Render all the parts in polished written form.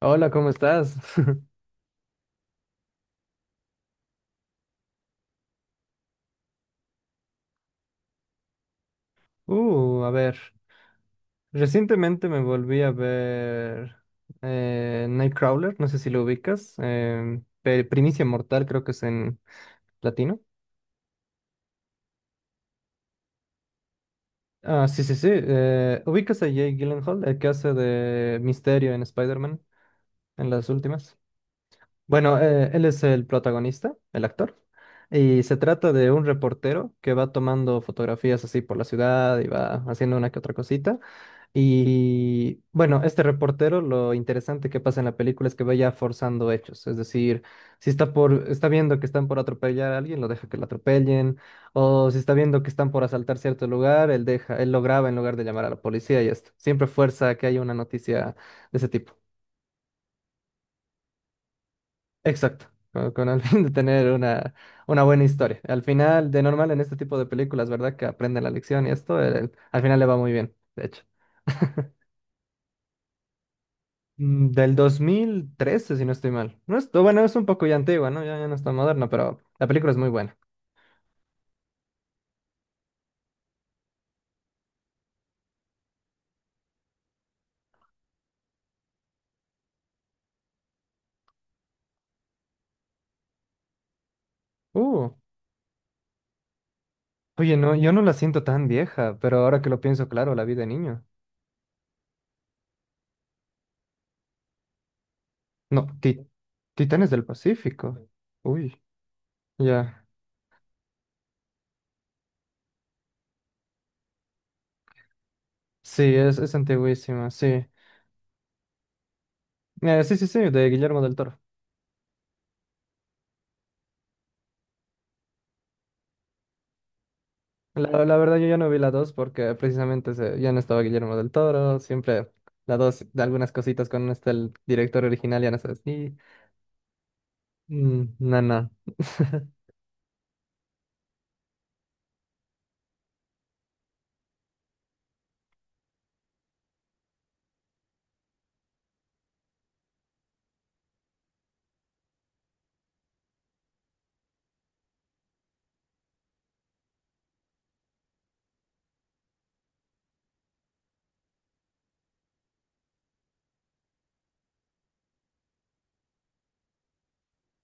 Hola, ¿cómo estás? A ver. Recientemente me volví a ver Nightcrawler, no sé si lo ubicas. Primicia Mortal, creo que es en latino. Ah, sí, sí, sí. ¿ ¿ubicas a Jake Gyllenhaal, el que hace de Misterio en Spider-Man, en las últimas? Bueno, él es el protagonista, el actor, y se trata de un reportero que va tomando fotografías así por la ciudad y va haciendo una que otra cosita. Y bueno, este reportero, lo interesante que pasa en la película es que vaya forzando hechos, es decir, si está viendo que están por atropellar a alguien, lo deja que lo atropellen, o si está viendo que están por asaltar cierto lugar, él lo graba en lugar de llamar a la policía y esto. Siempre fuerza que haya una noticia de ese tipo. Exacto, con el fin de tener una buena historia. Al final, de normal en este tipo de películas, ¿verdad? Que aprenden la lección y esto, al final le va muy bien, de hecho. Del 2013 si no estoy mal. No es, bueno, es un poco ya antigua, ¿no? Ya no está moderna, pero la película es muy buena. Uh, oye, no, yo no la siento tan vieja, pero ahora que lo pienso, claro, la vi de niño. No, Ti- Titanes del Pacífico. Uy, ya. Sí, es antiguísima, sí. Sí, sí, sí, de Guillermo del Toro. La verdad yo ya no vi la 2 porque precisamente ya no estaba Guillermo del Toro, siempre la 2 de algunas cositas con este el director original ya no es así. Mm, no, no.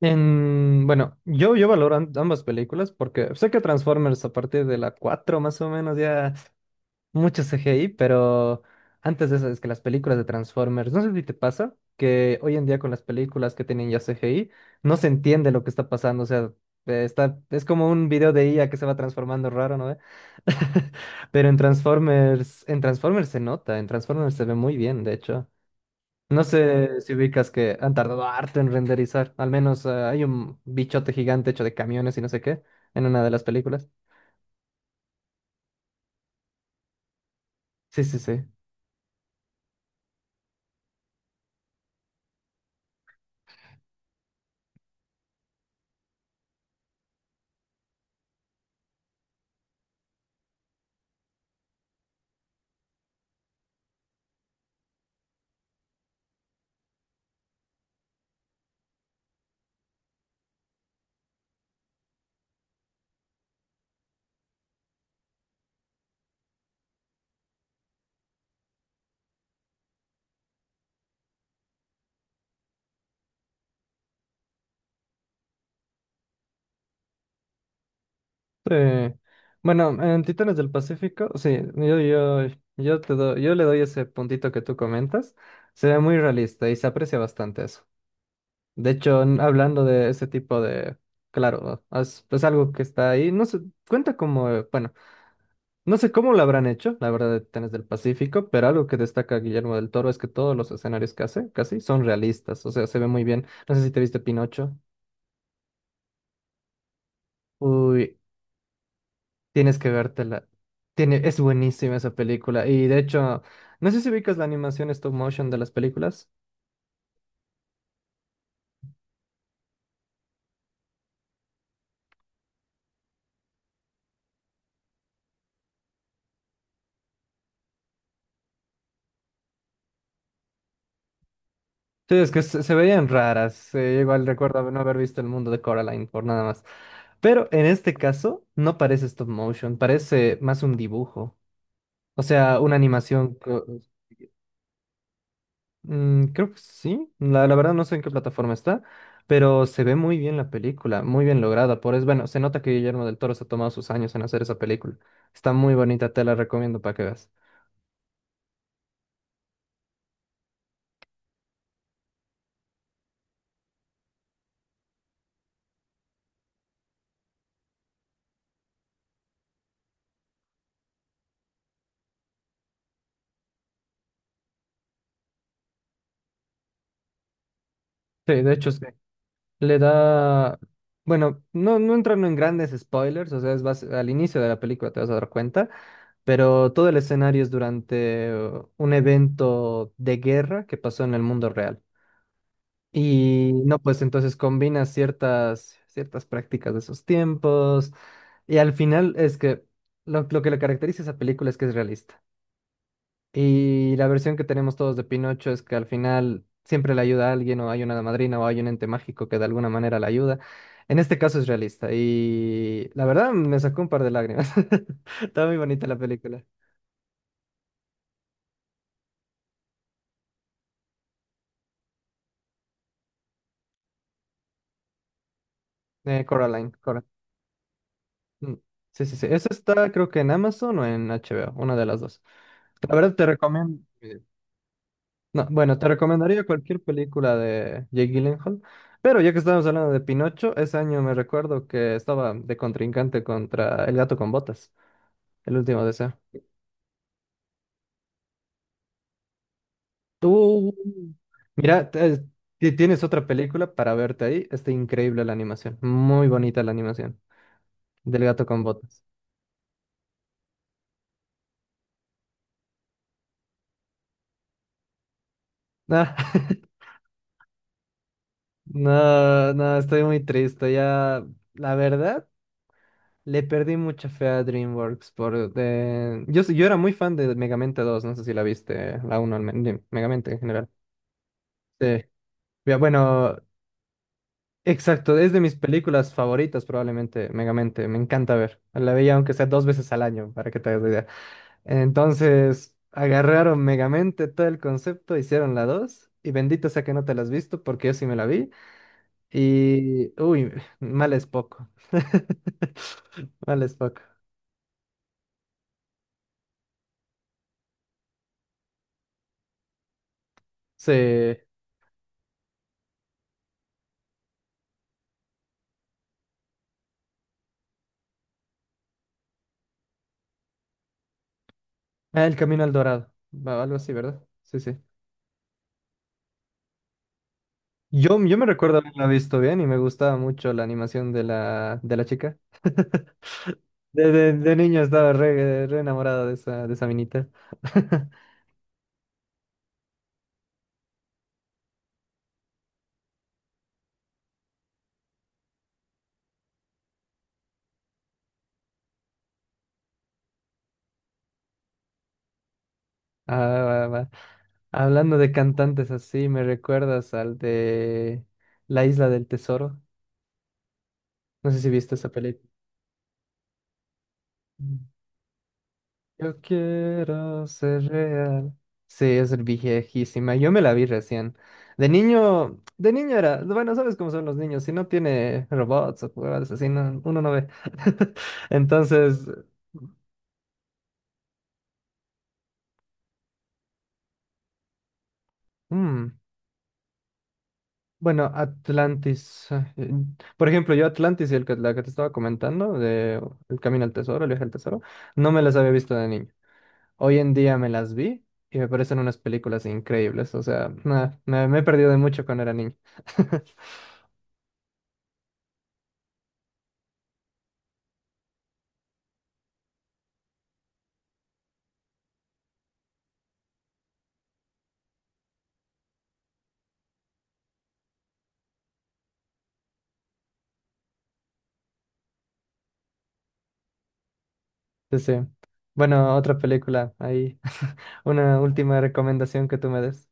Bueno, yo valoro ambas películas porque sé que Transformers a partir de la 4 más o menos ya mucho CGI, pero antes de eso es que las películas de Transformers, no sé si te pasa, que hoy en día con las películas que tienen ya CGI, no se entiende lo que está pasando, o sea, es como un video de IA que se va transformando raro, ¿no? ¿ve? Pero en Transformers se nota, en Transformers se ve muy bien, de hecho. No sé si ubicas que han tardado harto en renderizar, al menos hay un bichote gigante hecho de camiones y no sé qué en una de las películas. Sí, sí, sí. Sí. Bueno, en Titanes del Pacífico, sí, yo le doy ese puntito que tú comentas. Se ve muy realista y se aprecia bastante eso. De hecho, hablando de ese tipo de... Claro, es algo que está ahí. No sé, cuenta como... bueno, no sé cómo lo habrán hecho, la verdad, de Titanes del Pacífico, pero algo que destaca Guillermo del Toro es que todos los escenarios que hace, casi, son realistas. O sea, se ve muy bien. No sé si te viste Pinocho. Uy, tienes que vértela. Tiene, es buenísima esa película. Y de hecho, no sé si ubicas la animación stop motion de las películas. Sí, es que se veían raras. Igual recuerdo no haber visto el mundo de Coraline por nada más. Pero en este caso, no parece stop motion, parece más un dibujo. O sea, una animación. Creo que sí. La verdad no sé en qué plataforma está. Pero se ve muy bien la película, muy bien lograda. Por eso, bueno, se nota que Guillermo del Toro se ha tomado sus años en hacer esa película. Está muy bonita, te la recomiendo para que veas. Sí, de hecho sí. Le da, bueno, no, no entrando en grandes spoilers, o sea, es al inicio de la película te vas a dar cuenta, pero todo el escenario es durante un evento de guerra que pasó en el mundo real. Y no, pues entonces combina ciertas prácticas de esos tiempos. Y al final es que lo que le caracteriza a esa película es que es realista. Y la versión que tenemos todos de Pinocho es que al final siempre le ayuda a alguien o hay una madrina o hay un ente mágico que de alguna manera le ayuda. En este caso es realista y la verdad me sacó un par de lágrimas. Está muy bonita la película. Coraline, Cora. Mm. Sí, sí, sí. Esa está creo que en Amazon o en HBO, una de las dos. La verdad te recomiendo... No, bueno, te recomendaría cualquier película de Jake Gyllenhaal. Pero ya que estábamos hablando de Pinocho, ese año me recuerdo que estaba de contrincante contra El Gato con Botas. El último deseo. Tú. Mira, tienes otra película para verte ahí. Está increíble la animación. Muy bonita la animación. Del gato con botas. Ah, no, no, estoy muy triste. Ya, la verdad, le perdí mucha fe a DreamWorks por... yo era muy fan de Megamente 2 no sé si la viste, la uno de Megamente en general. Sí. Ya, bueno, exacto, es de mis películas favoritas probablemente, Megamente, me encanta ver. La veía aunque sea dos veces al año, para que te hagas la idea. Entonces, agarraron Megamente todo el concepto, hicieron la dos, y bendito sea que no te la has visto, porque yo sí me la vi, y... Uy, mal es poco. Mal es poco. Sí. Ah, El Camino al Dorado, va, algo así, ¿verdad? Sí, sí. Yo me recuerdo haberla visto bien y me gustaba mucho la animación de de la chica. De niño estaba re enamorado de de esa minita. Ah, va, va. Hablando de cantantes así, ¿me recuerdas al de La Isla del Tesoro? No sé si viste esa película. Mm. Yo quiero ser real. Sí, es viejísima. Yo me la vi recién. De niño era, bueno, sabes cómo son los niños, si no tiene robots o cosas así, uno no ve. Entonces, mm, bueno, Atlantis. Por ejemplo, yo Atlantis, la que te estaba comentando, de El Camino al Tesoro, El Viaje al Tesoro, no me las había visto de niño. Hoy en día me las vi y me parecen unas películas increíbles. O sea, nah, me he perdido de mucho cuando era niño. Sí, sí. Bueno, otra película ahí. Una última recomendación que tú me des.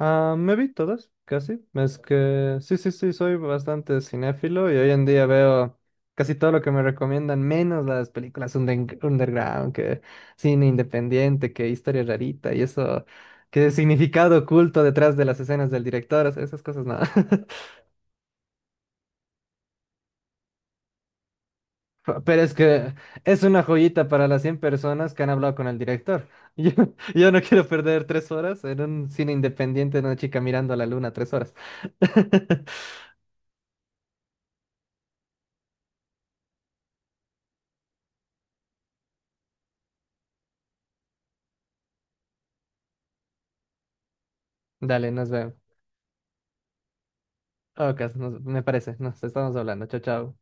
Ah, me vi todas, casi. Es que sí, sí, sí, soy bastante cinéfilo y hoy en día veo casi todo lo que me recomiendan, menos las películas underground, que cine independiente, que historia rarita y eso, que significado oculto detrás de las escenas del director, o sea, esas cosas nada. Pero es que es una joyita para las 100 personas que han hablado con el director. Yo, yo no quiero perder tres horas en un cine independiente de una chica mirando a la luna tres horas. Dale, nos vemos. Ok, me parece. Nos estamos hablando. Chao, chao.